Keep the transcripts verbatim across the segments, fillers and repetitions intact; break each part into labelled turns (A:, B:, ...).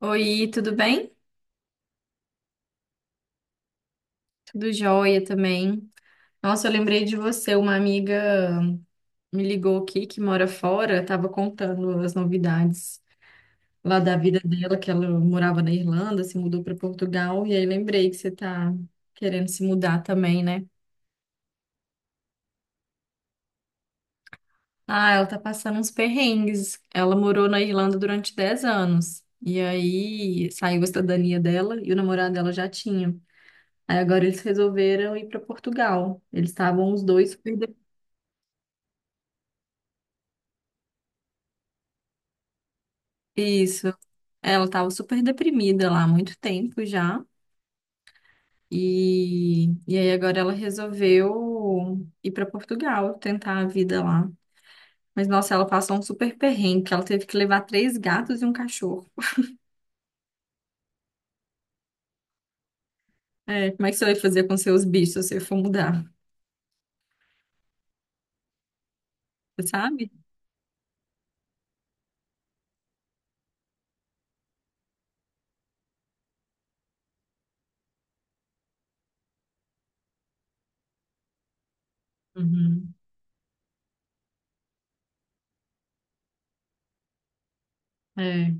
A: Oi, tudo bem? Tudo jóia também. Nossa, eu lembrei de você, uma amiga me ligou aqui que mora fora, estava contando as novidades lá da vida dela, que ela morava na Irlanda, se mudou para Portugal, e aí lembrei que você tá querendo se mudar também, né? Ah, ela tá passando uns perrengues. Ela morou na Irlanda durante dez anos. E aí saiu a cidadania dela e o namorado dela já tinha. Aí agora eles resolveram ir para Portugal. Eles estavam os dois. Isso. Ela tava super deprimida lá há muito tempo já. E, e aí agora ela resolveu ir para Portugal, tentar a vida lá. Mas nossa, ela passou um super perrengue, que ela teve que levar três gatos e um cachorro. É, como é que você vai fazer com seus bichos se você for mudar? Você sabe? Uhum. É,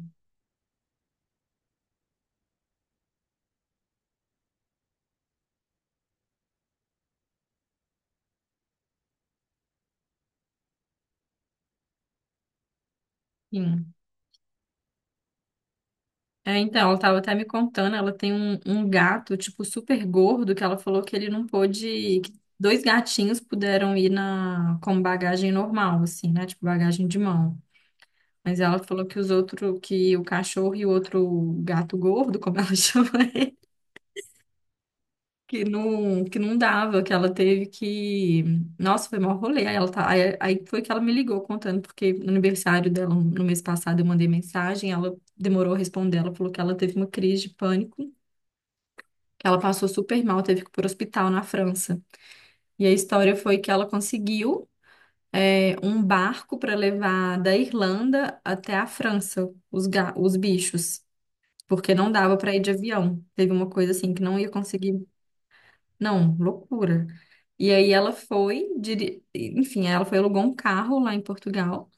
A: sim. É, então, ela tava até me contando, ela tem um, um gato, tipo, super gordo, que ela falou que ele não pôde, que dois gatinhos puderam ir na, com bagagem normal, assim, né? Tipo, bagagem de mão. Mas ela falou que os outros, que o cachorro e o outro gato gordo, como ela chama, que não, que não dava, que ela teve que. Nossa, foi mó rolê. Aí, ela tá... aí, aí foi que ela me ligou contando, porque no aniversário dela, no mês passado, eu mandei mensagem, ela demorou a responder, ela falou que ela teve uma crise de pânico. Ela passou super mal, teve que ir para o hospital na França. E a história foi que ela conseguiu é, um barco para levar da Irlanda até a França os, ga- os bichos, porque não dava para ir de avião. Teve uma coisa assim que não ia conseguir. Não, loucura. E aí ela foi, diri- enfim, ela foi alugou um carro lá em Portugal.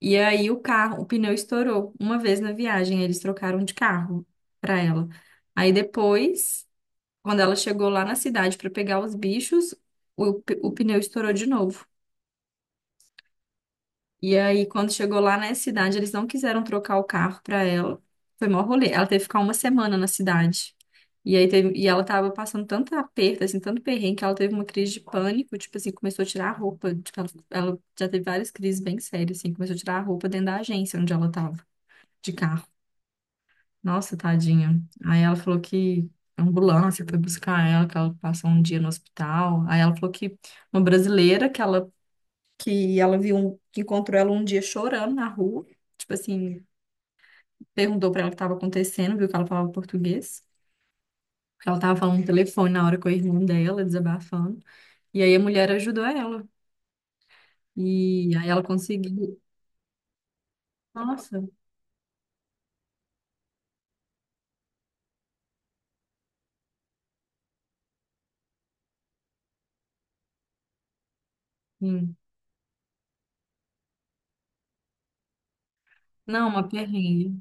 A: E aí o carro, o pneu estourou uma vez na viagem, eles trocaram de carro para ela. Aí depois, quando ela chegou lá na cidade para pegar os bichos, o, pe- o pneu estourou de novo. E aí, quando chegou lá na cidade, eles não quiseram trocar o carro para ela. Foi mó rolê. Ela teve que ficar uma semana na cidade. E aí teve, e ela tava passando tanto aperto, assim, tanto perrengue, que ela teve uma crise de pânico, tipo assim, começou a tirar a roupa. Tipo, ela, ela já teve várias crises bem sérias, assim, começou a tirar a roupa dentro da agência onde ela tava, de carro. Nossa, tadinha. Aí ela falou que a ambulância foi buscar ela, que ela passou um dia no hospital. Aí ela falou que uma brasileira que ela que ela viu um- que encontrou ela um dia chorando na rua, tipo assim, perguntou pra ela o que estava acontecendo, viu que ela falava português. Ela tava falando no telefone na hora com a irmã dela, desabafando. E aí a mulher ajudou ela. E aí ela conseguiu. Nossa, sim. Não, uma perrengue.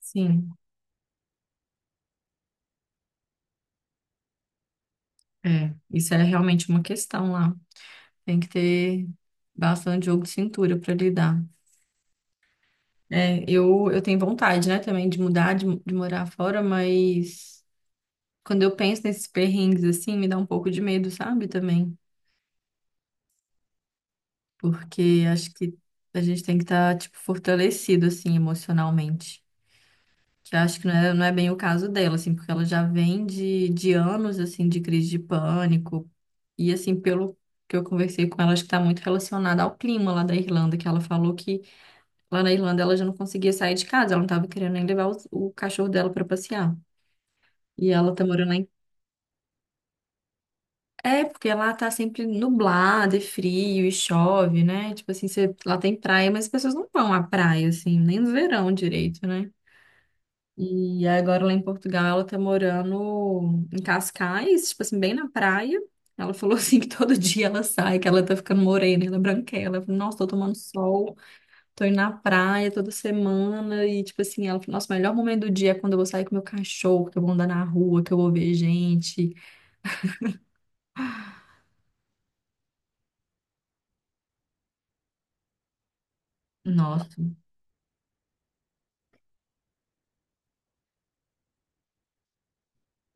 A: Sim. É, isso é realmente uma questão lá. Tem que ter bastante jogo de cintura para lidar. É, eu, eu tenho vontade, né, também de mudar, de, de morar fora, mas quando eu penso nesses perrengues assim, me dá um pouco de medo, sabe, também. Porque acho que a gente tem que estar, tipo, fortalecido, assim, emocionalmente. Que acho que não é, não é bem o caso dela, assim, porque ela já vem de, de anos, assim, de crise de pânico. E, assim, pelo que eu conversei com ela, acho que está muito relacionada ao clima lá da Irlanda, que ela falou que lá na Irlanda, ela já não conseguia sair de casa, ela não estava querendo nem levar os- o cachorro dela para passear. E ela tá morando lá em... É, porque lá tá sempre nublado, é frio e chove, né? Tipo assim, você- lá tem praia, mas as pessoas não vão à praia, assim, nem no verão direito, né? E agora lá em Portugal, ela tá morando em Cascais, tipo assim, bem na praia. Ela falou assim que todo dia ela sai, que ela tá ficando morena, ela é branquela. Eu falei, nossa, tô tomando sol. Tô indo na praia toda semana e, tipo assim, ela falou, nossa, o melhor momento do dia é quando eu vou sair com meu cachorro, que eu vou andar na rua, que eu vou ver gente. Nossa,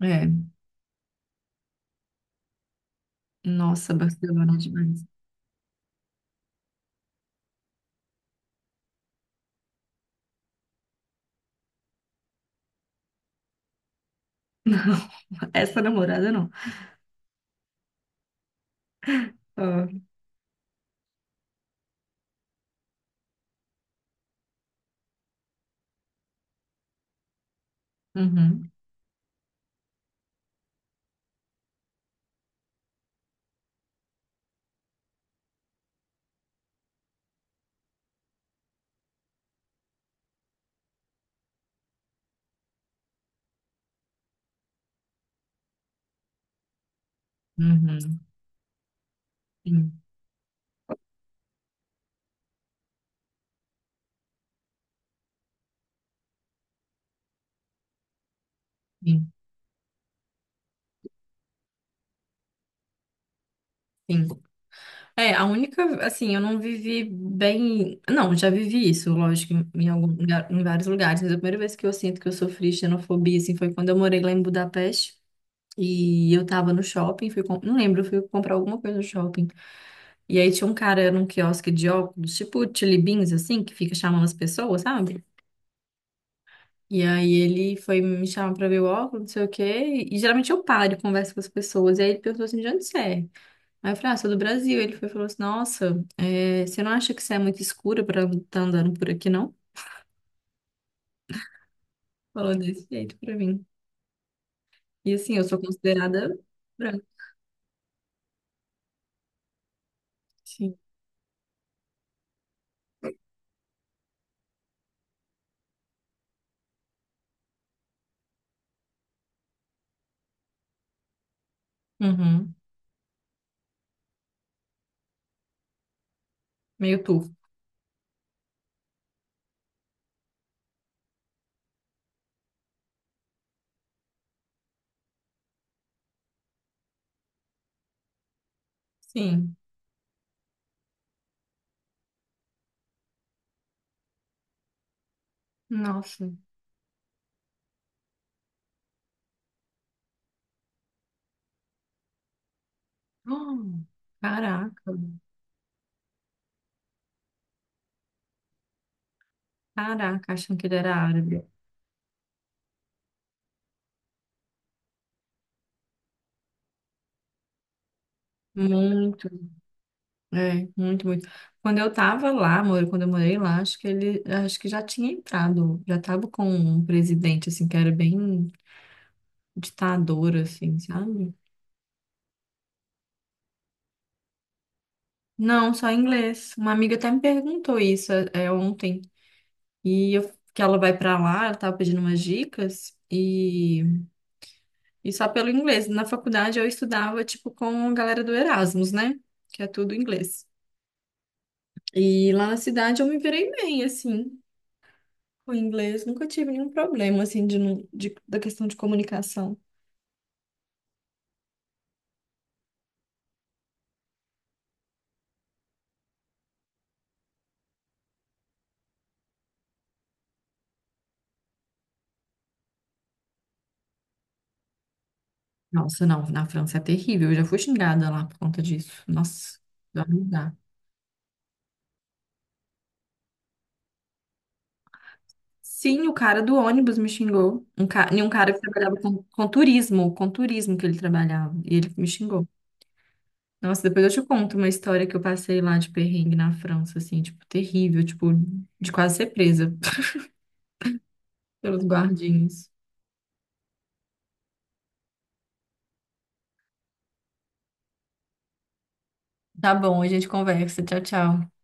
A: é, nossa, Barcelona é demais. Não, essa namorada não. Ah, uhum, uhum, sim, sim, sim. É, a única, assim, eu não vivi bem. Não, já vivi isso, lógico, em, em algum lugar- em vários lugares, mas a primeira vez que eu sinto que eu sofri xenofobia, assim, foi quando eu morei lá em Budapeste. E eu tava no shopping, fui com- não lembro, fui comprar alguma coisa no shopping. E aí tinha um cara num quiosque de óculos, tipo Chili Beans, assim, que fica chamando as pessoas, sabe? E aí ele foi me chamar pra ver o óculos, não sei o quê. E geralmente eu paro e converso com as pessoas. E aí ele perguntou assim, de onde você é? Aí eu falei, ah, sou do Brasil. Ele foi, e falou assim, nossa, é, você não acha que você é muito escura pra estar andando por aqui, não? Falou desse jeito pra mim. E assim, eu sou considerada branca. Sim. Uhum. Meio turco. Sim. Nossa. Hum, caraca, caraca, achando que ele era árabe. Muito, é, muito, muito. Quando eu tava lá, amor, quando eu morei lá, acho que ele, acho que já tinha entrado, já tava com um presidente, assim, que era bem ditador, assim, sabe? Não, só inglês. Uma amiga até me perguntou isso, é, é, ontem, e eu, que ela vai pra lá, ela tava pedindo umas dicas, e, e só pelo inglês. Na faculdade eu estudava, tipo, com a galera do Erasmus, né? Que é tudo inglês. E lá na cidade eu me virei bem, assim, com inglês. Nunca tive nenhum problema, assim, de, não- de- da questão de comunicação. Nossa, não, na França é terrível. Eu já fui xingada lá por conta disso. Nossa, dá um lugar. Sim, o cara do ônibus me xingou. Um ca... E um cara que trabalhava com, com turismo, com turismo que ele trabalhava. E ele me xingou. Nossa, depois eu te conto uma história que eu passei lá de perrengue na França, assim, tipo, terrível, tipo, de quase ser presa pelos guardinhas. Tá bom, a gente conversa. Tchau, tchau.